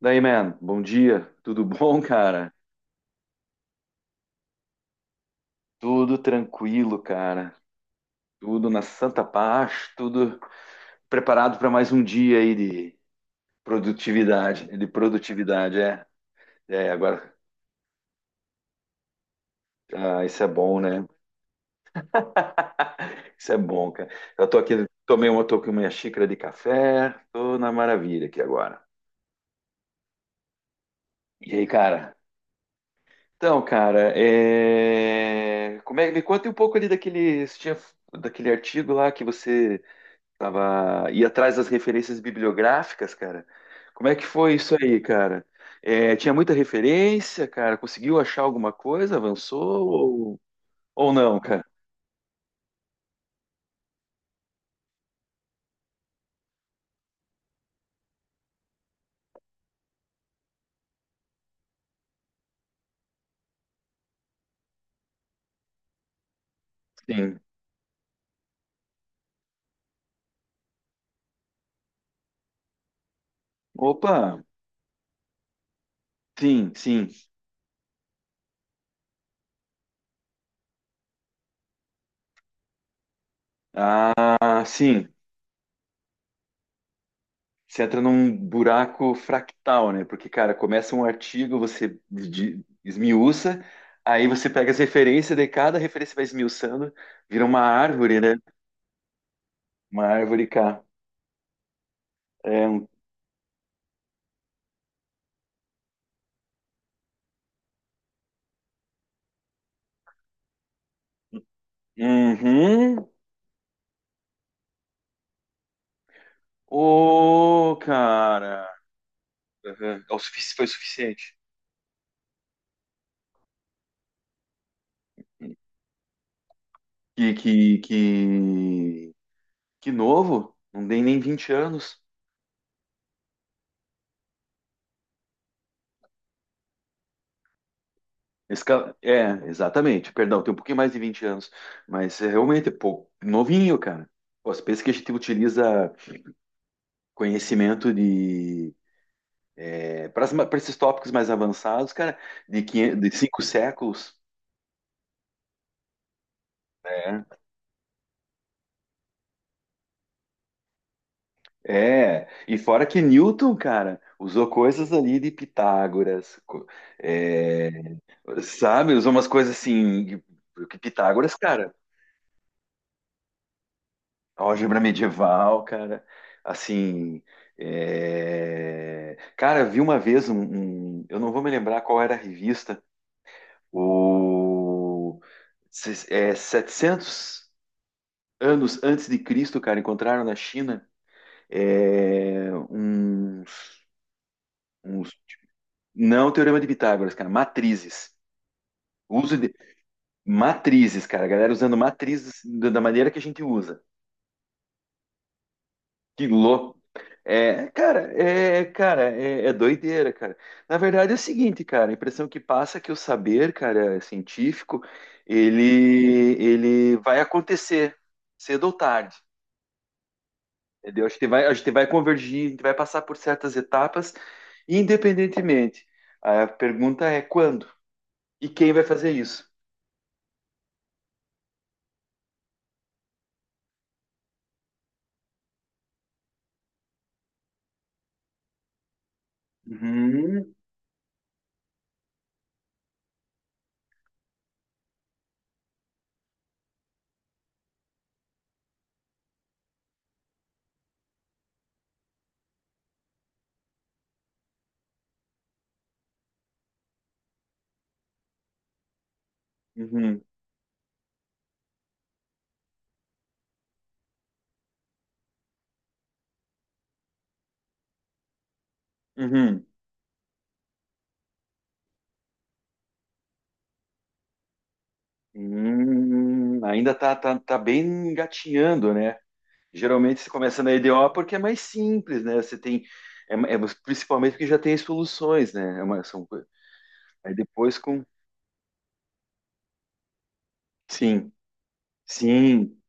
Daí, man, bom dia. Tudo bom, cara? Tudo tranquilo, cara. Tudo na santa paz, tudo preparado para mais um dia aí de produtividade. De produtividade, é. É, agora, ah, isso é bom, né? Isso é bom, cara. Eu tô aqui, tomei uma, tô com minha xícara de café, tô na maravilha aqui agora. E aí, cara? Então, cara, me conta um pouco ali daquele, daquele artigo lá que você tava ia atrás das referências bibliográficas, cara. Como é que foi isso aí, cara? É, tinha muita referência, cara. Conseguiu achar alguma coisa? Avançou ou, ou não, cara? Sim. Opa, sim, sim. Ah, sim. Você entra num buraco fractal, né? Porque, cara, começa um artigo, esmiuça, aí você pega as referências, de cada referência vai esmiuçando, vira uma árvore, né? Uma árvore cá. É um. Uhum. Ô, cara. Aham. Foi o suficiente. Que, que, que, que novo. Não tem nem 20 anos. É, exatamente. Perdão, tem um pouquinho mais de 20 anos. Mas é, realmente é pouco. Novinho, cara. Pô, você pensa que a gente utiliza conhecimento de. Para esses tópicos mais avançados, cara, de, 500, de cinco séculos. É, é, e fora que Newton, cara, usou coisas ali de Pitágoras, é, sabe? Usou umas coisas assim, que Pitágoras, cara, álgebra medieval, cara, assim, é, cara, vi uma vez eu não vou me lembrar qual era a revista, o se- é, 700 anos antes de Cristo, cara, encontraram na China, é, uns, não teorema de Pitágoras, cara, matrizes. Uso de matrizes, cara. A galera usando matrizes da maneira que a gente usa. Que louco. É doideira, cara. Na verdade é o seguinte, cara, a impressão que passa é que o saber, cara, é científico, ele, ele vai acontecer cedo ou tarde, entendeu? A gente vai convergir, a gente vai passar por certas etapas, independentemente. A pergunta é quando e quem vai fazer isso? Uhum. Uhum, uhum. Ainda tá bem engatinhando, né? Geralmente você começa na EDO porque é mais simples, né? Você tem, é, é- principalmente porque já tem as soluções, né? É uma, são, co- aí depois com, sim, sim,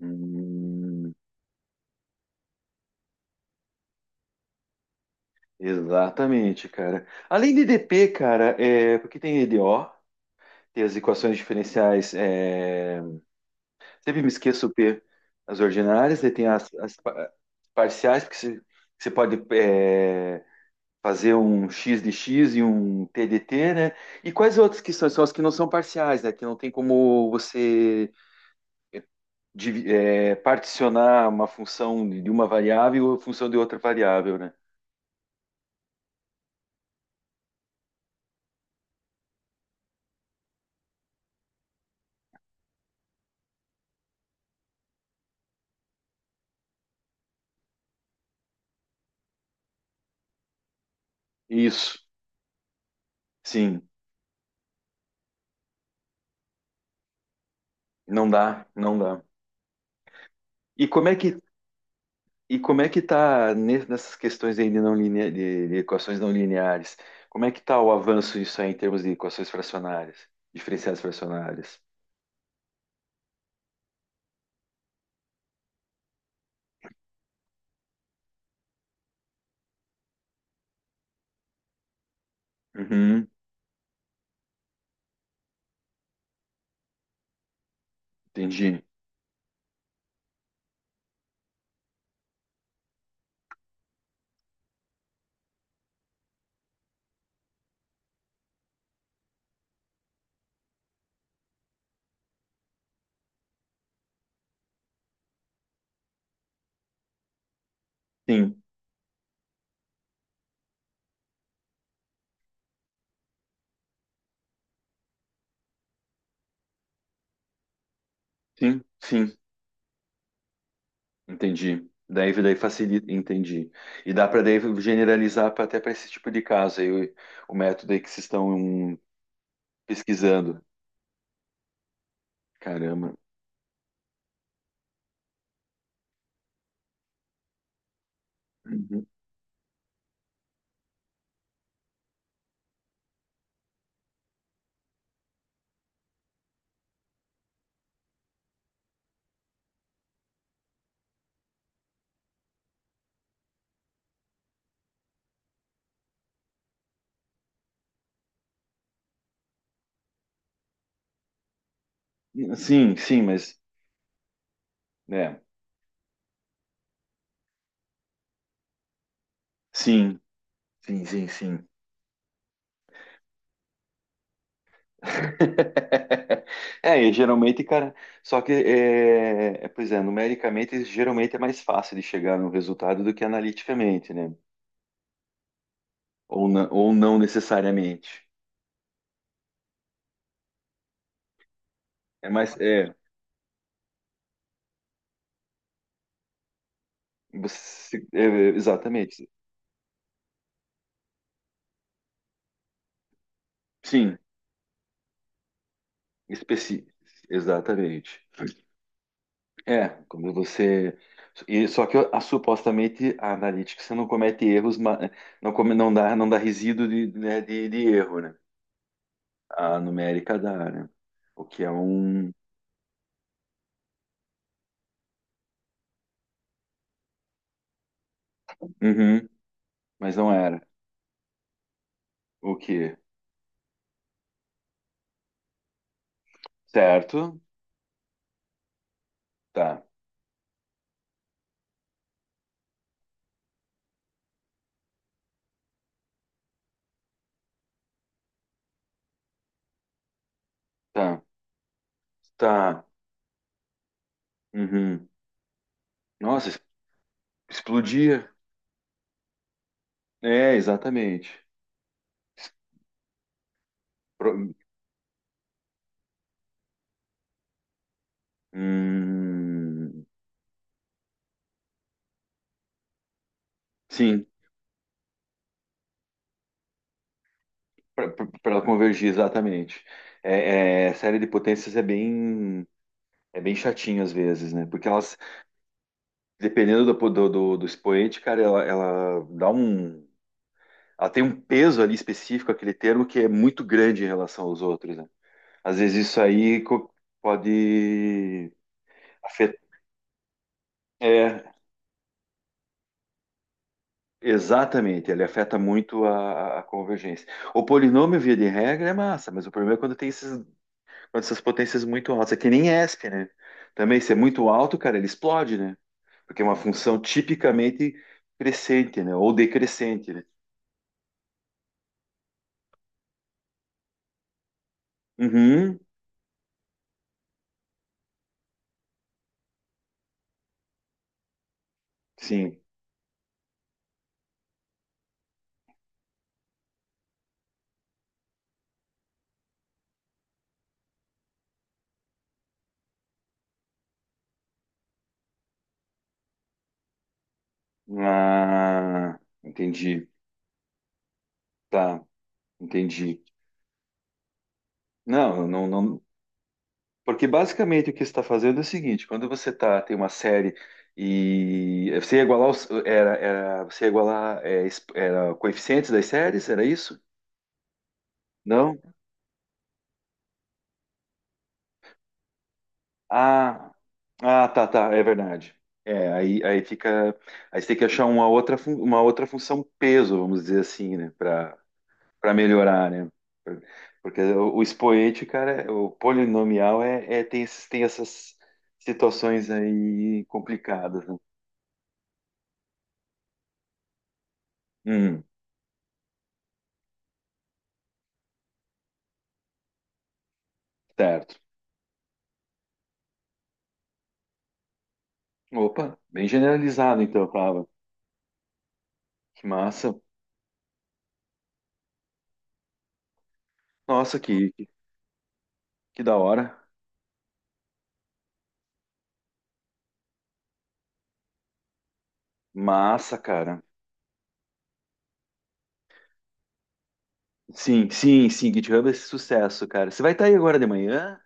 hum, exatamente, cara. Além de DP, cara, é, porque tem EDO, tem as equações diferenciais, é, sempre me esqueço o P. As ordinárias, daí tem as pa- parciais, porque você, você pode é, fazer um X de X e um t de t né? E quais outras que são? São as que não são parciais, né? Que não tem como você particionar uma função de uma variável ou função de outra variável, né? Isso, sim, não dá. E como é que E como é que está nessas questões aí de, não linea- de equações não lineares? Como é que está o avanço disso aí em termos de equações fracionárias, diferenciais fracionárias? Uhum, entendi. Sim, sim, sim, entendi. Daí, daí facilita, entendi. E dá para daí generalizar pra- até para esse tipo de caso aí, o método aí que vocês estão pesquisando. Caramba. Uhum. Sim, sim, mas, né? Sim, sim, sim, sim. É, e geralmente, cara, só que, pois é, numericamente, geralmente é mais fácil de chegar no resultado do que analiticamente, né? Ou não necessariamente. É mais, é, você- é, exatamente. Sim, especi, exatamente. É, quando você, e só que a, supostamente a analítica você não comete erros, não dá resíduo de, né, de erro, né? A numérica dá, né? O que é um uhum. Mas não era. O quê? Certo? Tá, tá, tá. Uhum. Nossa, es- explodia. É, exatamente. Expro- hum, sim, para ela convergir, exatamente. É, é, série de potências é bem chatinho às vezes, né? Porque elas, dependendo do expoente, cara, ela dá um. Ela tem um peso ali específico, aquele termo, que é muito grande em relação aos outros, né? Às vezes isso aí co- pode afetar. É, exatamente, ele afeta muito a convergência. O polinômio, via de regra, é massa, mas o problema é quando tem esses, quando essas potências muito altas. É que nem ESP, né? Também, se é muito alto, cara, ele explode, né? Porque é uma função tipicamente crescente, né? Ou decrescente, né? Uhum, sim. Ah, entendi. Tá, entendi. Não, não, não, Porque basicamente o que você está fazendo é o seguinte: quando você tá, tem uma série e você ia igualar os, você ia igualar coeficientes das séries, era isso? Não? Ah, tá, tá, é verdade. É, aí, aí fica. Aí você tem que achar uma outra, uma outra função peso, vamos dizer assim, né? Para melhorar, né? Porque o expoente, cara, é, o polinomial tem, esses- tem essas situações aí complicadas, né? Hum, certo. Opa, bem generalizado então, Pava. Que massa. Nossa, que da hora. Massa, cara. Sim, sim, sim, GitHub é esse sucesso, cara. Você vai estar aí agora de manhã?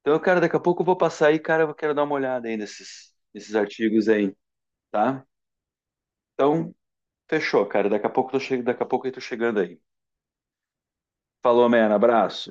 Então, cara, daqui a pouco eu vou passar aí, cara, eu quero dar uma olhada aí nesses, nesses artigos aí, tá? Então, fechou, cara. Daqui a pouco eu tô che... daqui a pouco eu tô chegando aí. Falou, man, abraço.